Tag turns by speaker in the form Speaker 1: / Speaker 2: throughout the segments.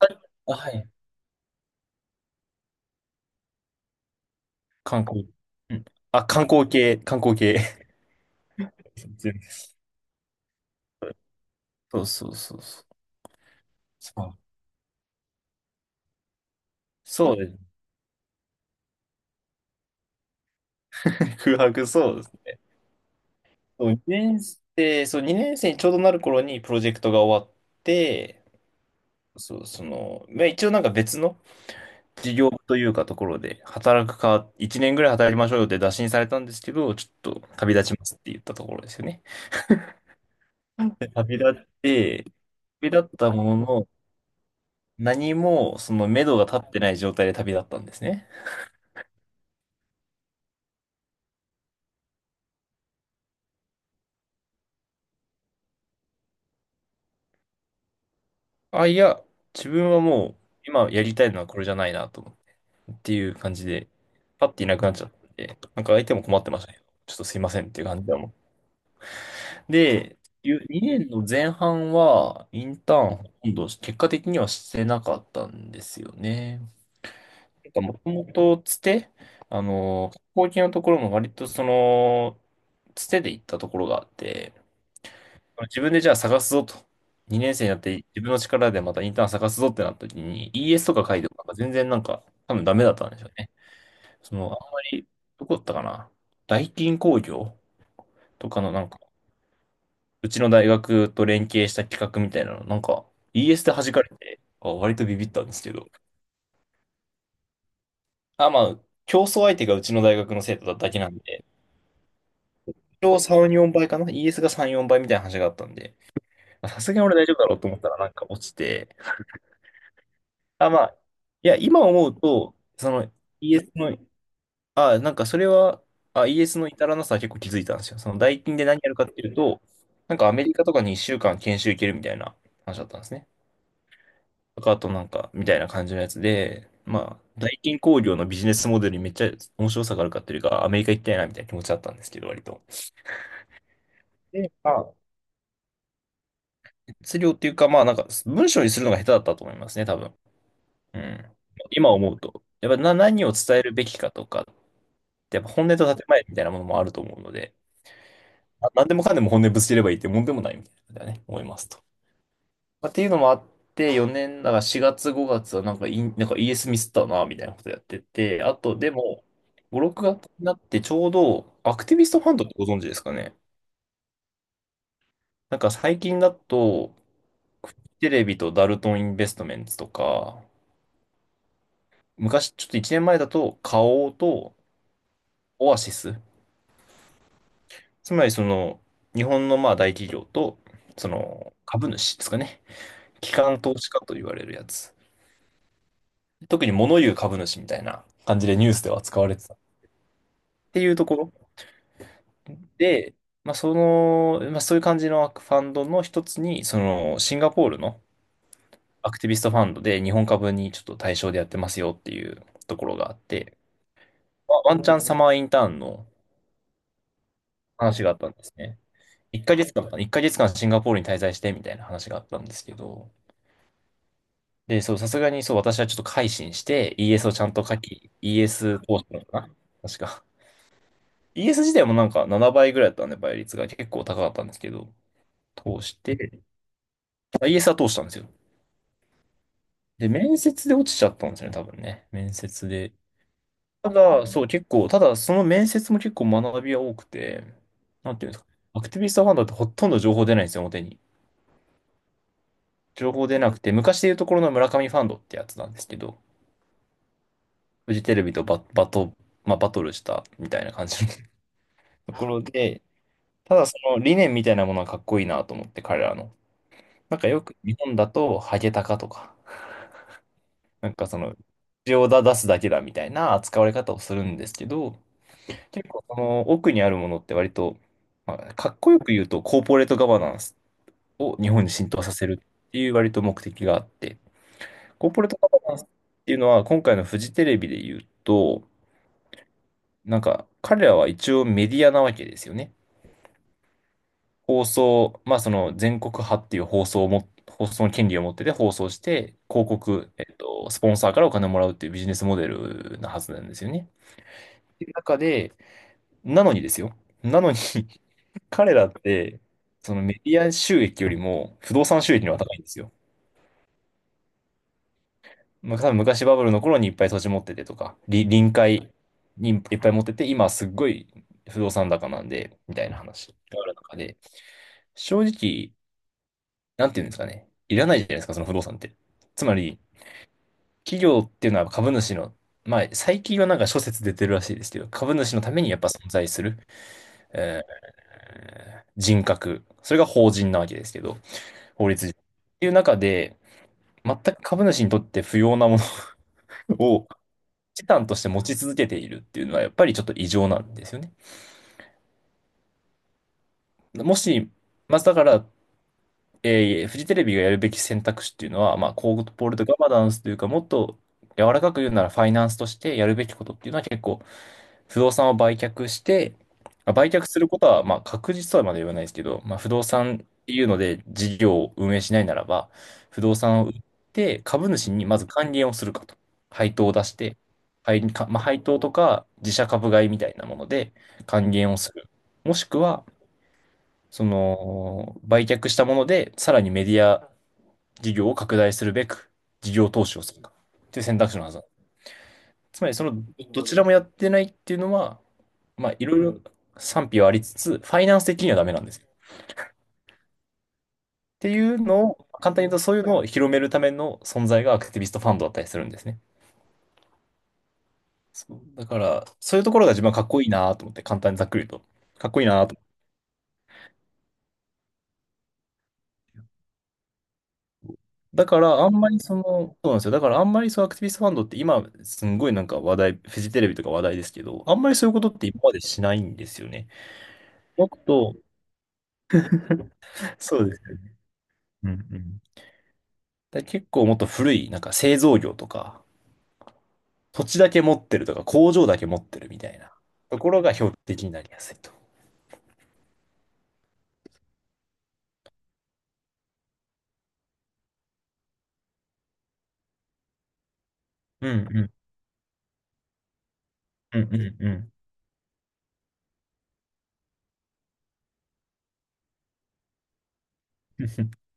Speaker 1: あ、はい。観光。うん。あ、観光系、観光系。そうそうそうそう。そうそうです。空白、そうです。そう、2年生、そう、2年生にちょうどなる頃にプロジェクトが終わって、そう、その、まあ、一応なんか別の事業というかところで、働くか、1年ぐらい働きましょうよって打診されたんですけど、ちょっと旅立ちますって言ったところですよね。で旅立って、旅立ったものの、何もその目処が立ってない状態で旅立ったんですね。あ、いや、自分はもう、今やりたいのはこれじゃないなと、っていう感じで、パッていなくなっちゃって、なんか相手も困ってましたね。ちょっとすいませんっていう感じだもん。で、2年の前半は、インターンほとんど結果的にはしてなかったんですよね。なんかもともとつて、後期のところも割とその、つてで行ったところがあって、自分でじゃあ探すぞと。2年生になって自分の力でまたインターン探すぞってなった時に ES とか書いてもなんか全然なんか多分ダメだったんでしょうね。そのあんまり、どこだったかな。大金工業とかのなんか、うちの大学と連携した企画みたいなの、なんか ES で弾かれて、あ、割とビビったんですけど。あ、まあ、競争相手がうちの大学の生徒だっただけなんで、今日3、4倍かな？ ES が3、4倍みたいな話があったんで、まあさすがに俺大丈夫だろうと思ったらなんか落ちて、あ、まあ、いや、今思うと、その ES の、あ、なんかそれは、あ、イーエスの至らなさは結構気づいたんですよ。その代金で何やるかっていうと、なんかアメリカとかに1週間研修行けるみたいな話だったんですね。とか、あとなんか、みたいな感じのやつで、まあ、代金工業のビジネスモデルにめっちゃ面白さがあるかっていうか、アメリカ行きたいなみたいな気持ちだったんですけど、割と。で、まあ、質量っていうか、まあなんか、文章にするのが下手だったと思いますね、多分。うん。今思うと。やっぱな、何を伝えるべきかとか、やっぱ本音と建前みたいなものもあると思うので、何でもかんでも本音ぶつければいいってもんでもないみたいなことだね、思いますと。まあ、っていうのもあって、4年、だから4月5月はなんかイン、なんかイーエスミスったな、みたいなことやってて、あとでも、5、6月になってちょうど、アクティビストファンドってご存知ですかね。なんか最近だと、フジテレビとダルトンインベストメンツとか、昔、ちょっと1年前だと、花王とオアシス、つまりその日本のまあ大企業とその株主ですかね。機関投資家と言われるやつ。特に物言う株主みたいな感じでニュースでは扱われてたっていうところで、まあ、その、まあ、そういう感じのファンドの一つに、そのシンガポールのアクティビストファンドで日本株にちょっと対象でやってますよっていうところがあって、まあワンチャンサマーインターンの話があったんですね。1か月間かんかな、1ヶ月間シンガポールに滞在してみたいな話があったんですけど、で、そう、さすがにそう、私はちょっと改心して ES をちゃんと書き、ES 講師なのかな確か。ES 自体もなんか7倍ぐらいだったんで、倍率が結構高かったんですけど、通して、あ ES は通したんですよ。で、面接で落ちちゃったんですよね、多分ね。面接で。ただ、そう、結構、ただ、その面接も結構学びは多くて、なんていうんですか。アクティビストファンドってほとんど情報出ないんですよ、表に。情報出なくて、昔でいうところの村上ファンドってやつなんですけど、フジテレビとバ、バト、まあ、バトルしたみたいな感じところで、ただその理念みたいなものはかっこいいなと思って、彼らの。なんかよく日本だと、ハゲタカとか、なんかその、口を出すだけだみたいな扱われ方をするんですけど、結構その奥にあるものって割と、まあ、かっこよく言うと、コーポレートガバナンスを日本に浸透させるっていう割と目的があって、コーポレートガバナンスっていうのは、今回のフジテレビで言うと、なんか彼らは一応メディアなわけですよね。放送、まあその全国派っていう放送をも、放送の権利を持ってて放送して、広告、スポンサーからお金をもらうっていうビジネスモデルなはずなんですよね。っていう中で、なのにですよ。なのに 彼らって、そのメディア収益よりも不動産収益の方が高いんですよ。まあ、多分昔バブルの頃にいっぱい土地持っててとか、臨海にいっぱい持ってて、今すっごい不動産高なんで、みたいな話がある中で、正直、なんていうんですかね。いらないじゃないですか、その不動産って。つまり、企業っていうのは株主の、まあ、最近はなんか諸説出てるらしいですけど、株主のためにやっぱ存在する、えー人格。それが法人なわけですけど、法律上。っていう中で、全く株主にとって不要なもの を資産として持ち続けているっていうのは、やっぱりちょっと異常なんですよね。もし、まずだから、フジテレビがやるべき選択肢っていうのは、まあ、コーポレートガバナンスというか、もっと柔らかく言うならファイナンスとしてやるべきことっていうのは結構、不動産を売却して、まあ売却することは、まあ、確実とはまだ言わないですけど、まあ、不動産っていうので事業を運営しないならば、不動産を売って株主にまず還元をするかと。配当を出して、まあ、配当とか自社株買いみたいなもので還元をする。もしくは、その、売却したもので、さらにメディア事業を拡大するべく、事業投資をするか、っていう選択肢のはずだ。つまり、その、どちらもやってないっていうのは、まあ、いろいろ賛否はありつつ、ファイナンス的にはダメなんですよ。っていうのを、簡単に言うと、そういうのを広めるための存在がアクティビストファンドだったりするんですね。そう、だから、そういうところが自分はかっこいいなと思って、簡単にざっくり言うと。かっこいいなと。だから、あんまりその、そうなんですよ。だから、あんまりアクティビストファンドって今、すんごい話題、フジテレビとか話題ですけど、あんまりそういうことって今までしないんですよね。もっと、そうですよね。うんうん。結構もっと古い、なんか製造業とか、土地だけ持ってるとか、工場だけ持ってるみたいなところが標的になりやすいと。うんうん。うんうんうん。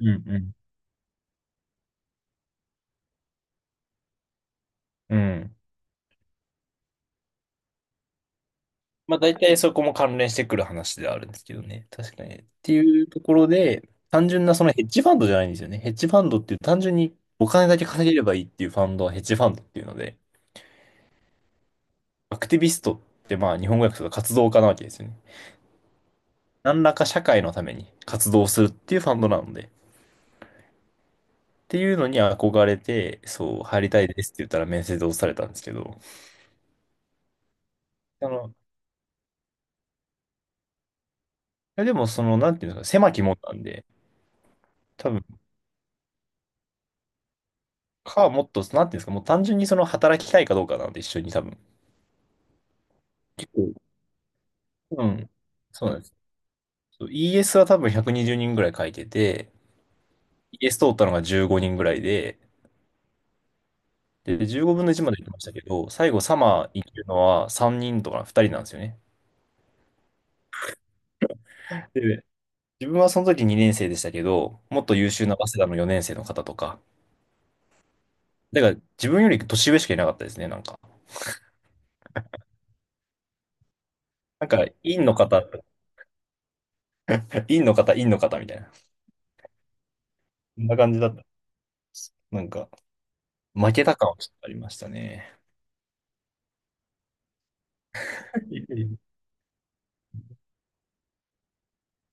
Speaker 1: うんうん。うんまあ大体そこも関連してくる話ではあるんですけどね。確かに。っていうところで、単純なそのヘッジファンドじゃないんですよね。ヘッジファンドっていう単純にお金だけ稼げればいいっていうファンドはヘッジファンドっていうので、アクティビストってまあ日本語訳すると活動家なわけですよね。何らか社会のために活動するっていうファンドなので、っていうのに憧れて、そう、入りたいですって言ったら面接で落とされたんですけど、あの、でもなんていうんですか、狭き門なんで、多分、もっと、なんていうんですか、もう単純にその働きたいかどうかなんで一緒に多分。結構、うん。そうなんです。そう ES は多分120人ぐらい書いてて、ES 通ったのが15人ぐらいで、で、15分の1まで行きましたけど、最後サマー行けるのは3人とか2人なんですよね。で、自分はその時2年生でしたけど、もっと優秀な早稲田の4年生の方とか、だから自分より年上しかいなかったですね、なんか。院の方、院の方、院の方みたいな。そんな感じだった。なんか、負けた感はちょっとありましたね。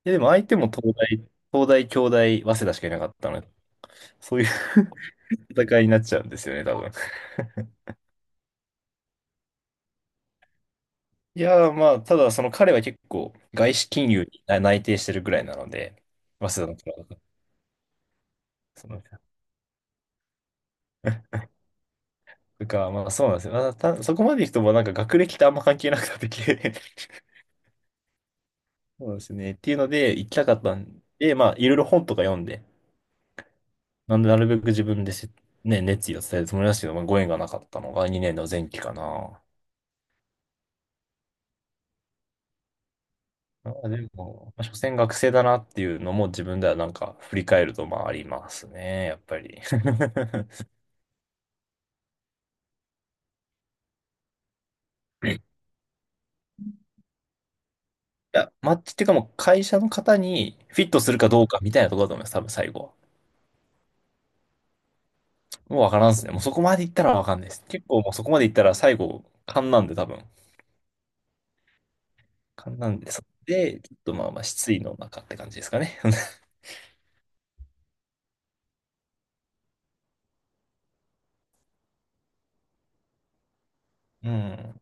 Speaker 1: や、でも相手も東大、京大、早稲田しかいなかったので、そういう 戦いになっちゃうんですよね、多分。いやー、まあ、ただ、その彼は結構、外資金融に内定してるぐらいなので、早稲田の方その、とか、まあ、そうなんですよ。まあ、そこまで行くと、まあ、なんか学歴ってあんま関係なくなってきて そうですね。っていうので、行きたかったんで、まあ、いろいろ本とか読んで、なんで、なるべく自分でせ、ね、熱意を伝えるつもりなんですけど、まあ、ご縁がなかったのが2年の前期かな。あでも、まあ所詮学生だなっていうのも自分ではなんか振り返るとまあありますね、やっぱり。いや、マッチっていうかもう会社の方にフィットするかどうかみたいなところだと思います、多分最後は。もうわからんですね。もうそこまでいったらわかんないです。結構もうそこまでいったら最後、勘なんで多分。勘なんで、それで、ちょっとまあまあ失意の中って感じですかね。うん。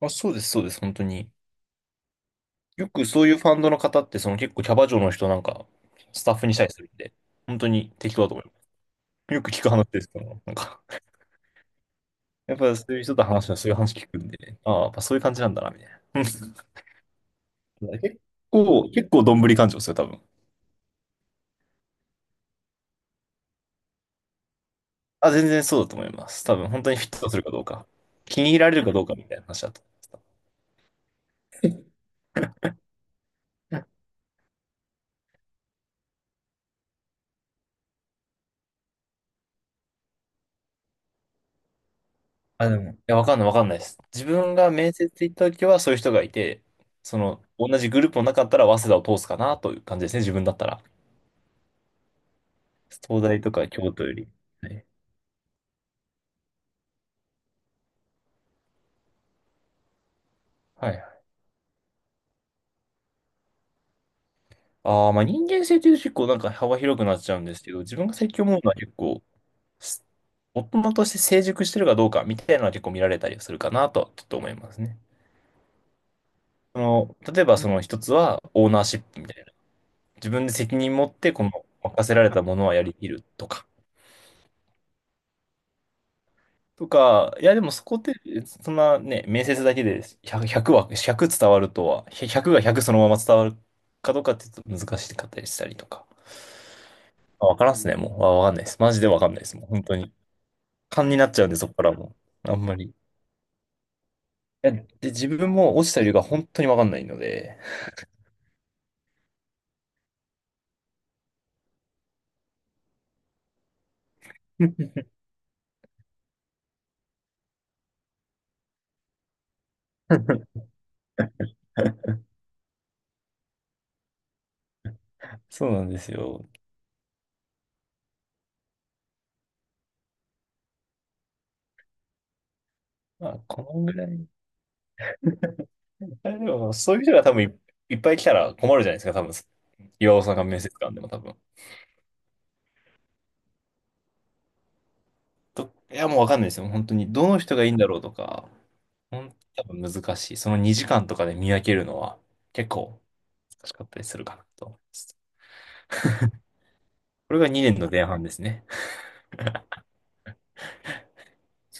Speaker 1: まあそうです、そうです、本当に。よくそういうファンドの方ってその結構キャバ嬢の人なんかスタッフにしたりするんで、本当に適当だと思います。よく聞く話ですから、なんか、やっぱそういう人と話はそういう話聞くんで、ああ、やっぱそういう感じなんだな、みたいな。うん結構どんぶり感情ですよ、多分。あ、全然そうだと思います。多分、本当にフィットするかどうか。気に入られるかどうかみたいな話だと思います。うんあ、でも、いや、わかんないです。自分が面接行った時はそういう人がいて、その、同じグループの中だったら、早稲田を通すかなという感じですね、自分だったら。東大とか京都より。はい。はいああ、まあ人間性というと結構なんか幅広くなっちゃうんですけど、自分が最近思うのは結構、す大人として成熟してるかどうかみたいなのは結構見られたりするかなとはちょっと思いますね。その、例えばその一つはオーナーシップみたいな。自分で責任持ってこの任せられたものはやりきるとか。とか、いやでもそこって、そんなね、面接だけで100、ひゃくは、1伝わるとは、100が100そのまま伝わるかどうかってちょっと難しかったりしたりとか。まあわからんっすね、もう。わかんないです。マジでわかんないです。もう本当に。勘になっちゃうんで、そこからも。あんまり。いやで、自分も落ちた理由が本当にわかんないので。そうなんですよ。まあ、このぐらい。あれでも、そういう人が多分い、いっぱい来たら困るじゃないですか、多分。岩尾さんが面接官でも多分。と、いや、もうわかんないですよ。本当に。どの人がいいんだろうとか、ほん、多分難しい。その2時間とかで見分けるのは結構難しかったりするかなと思います。これが2年の前半ですね。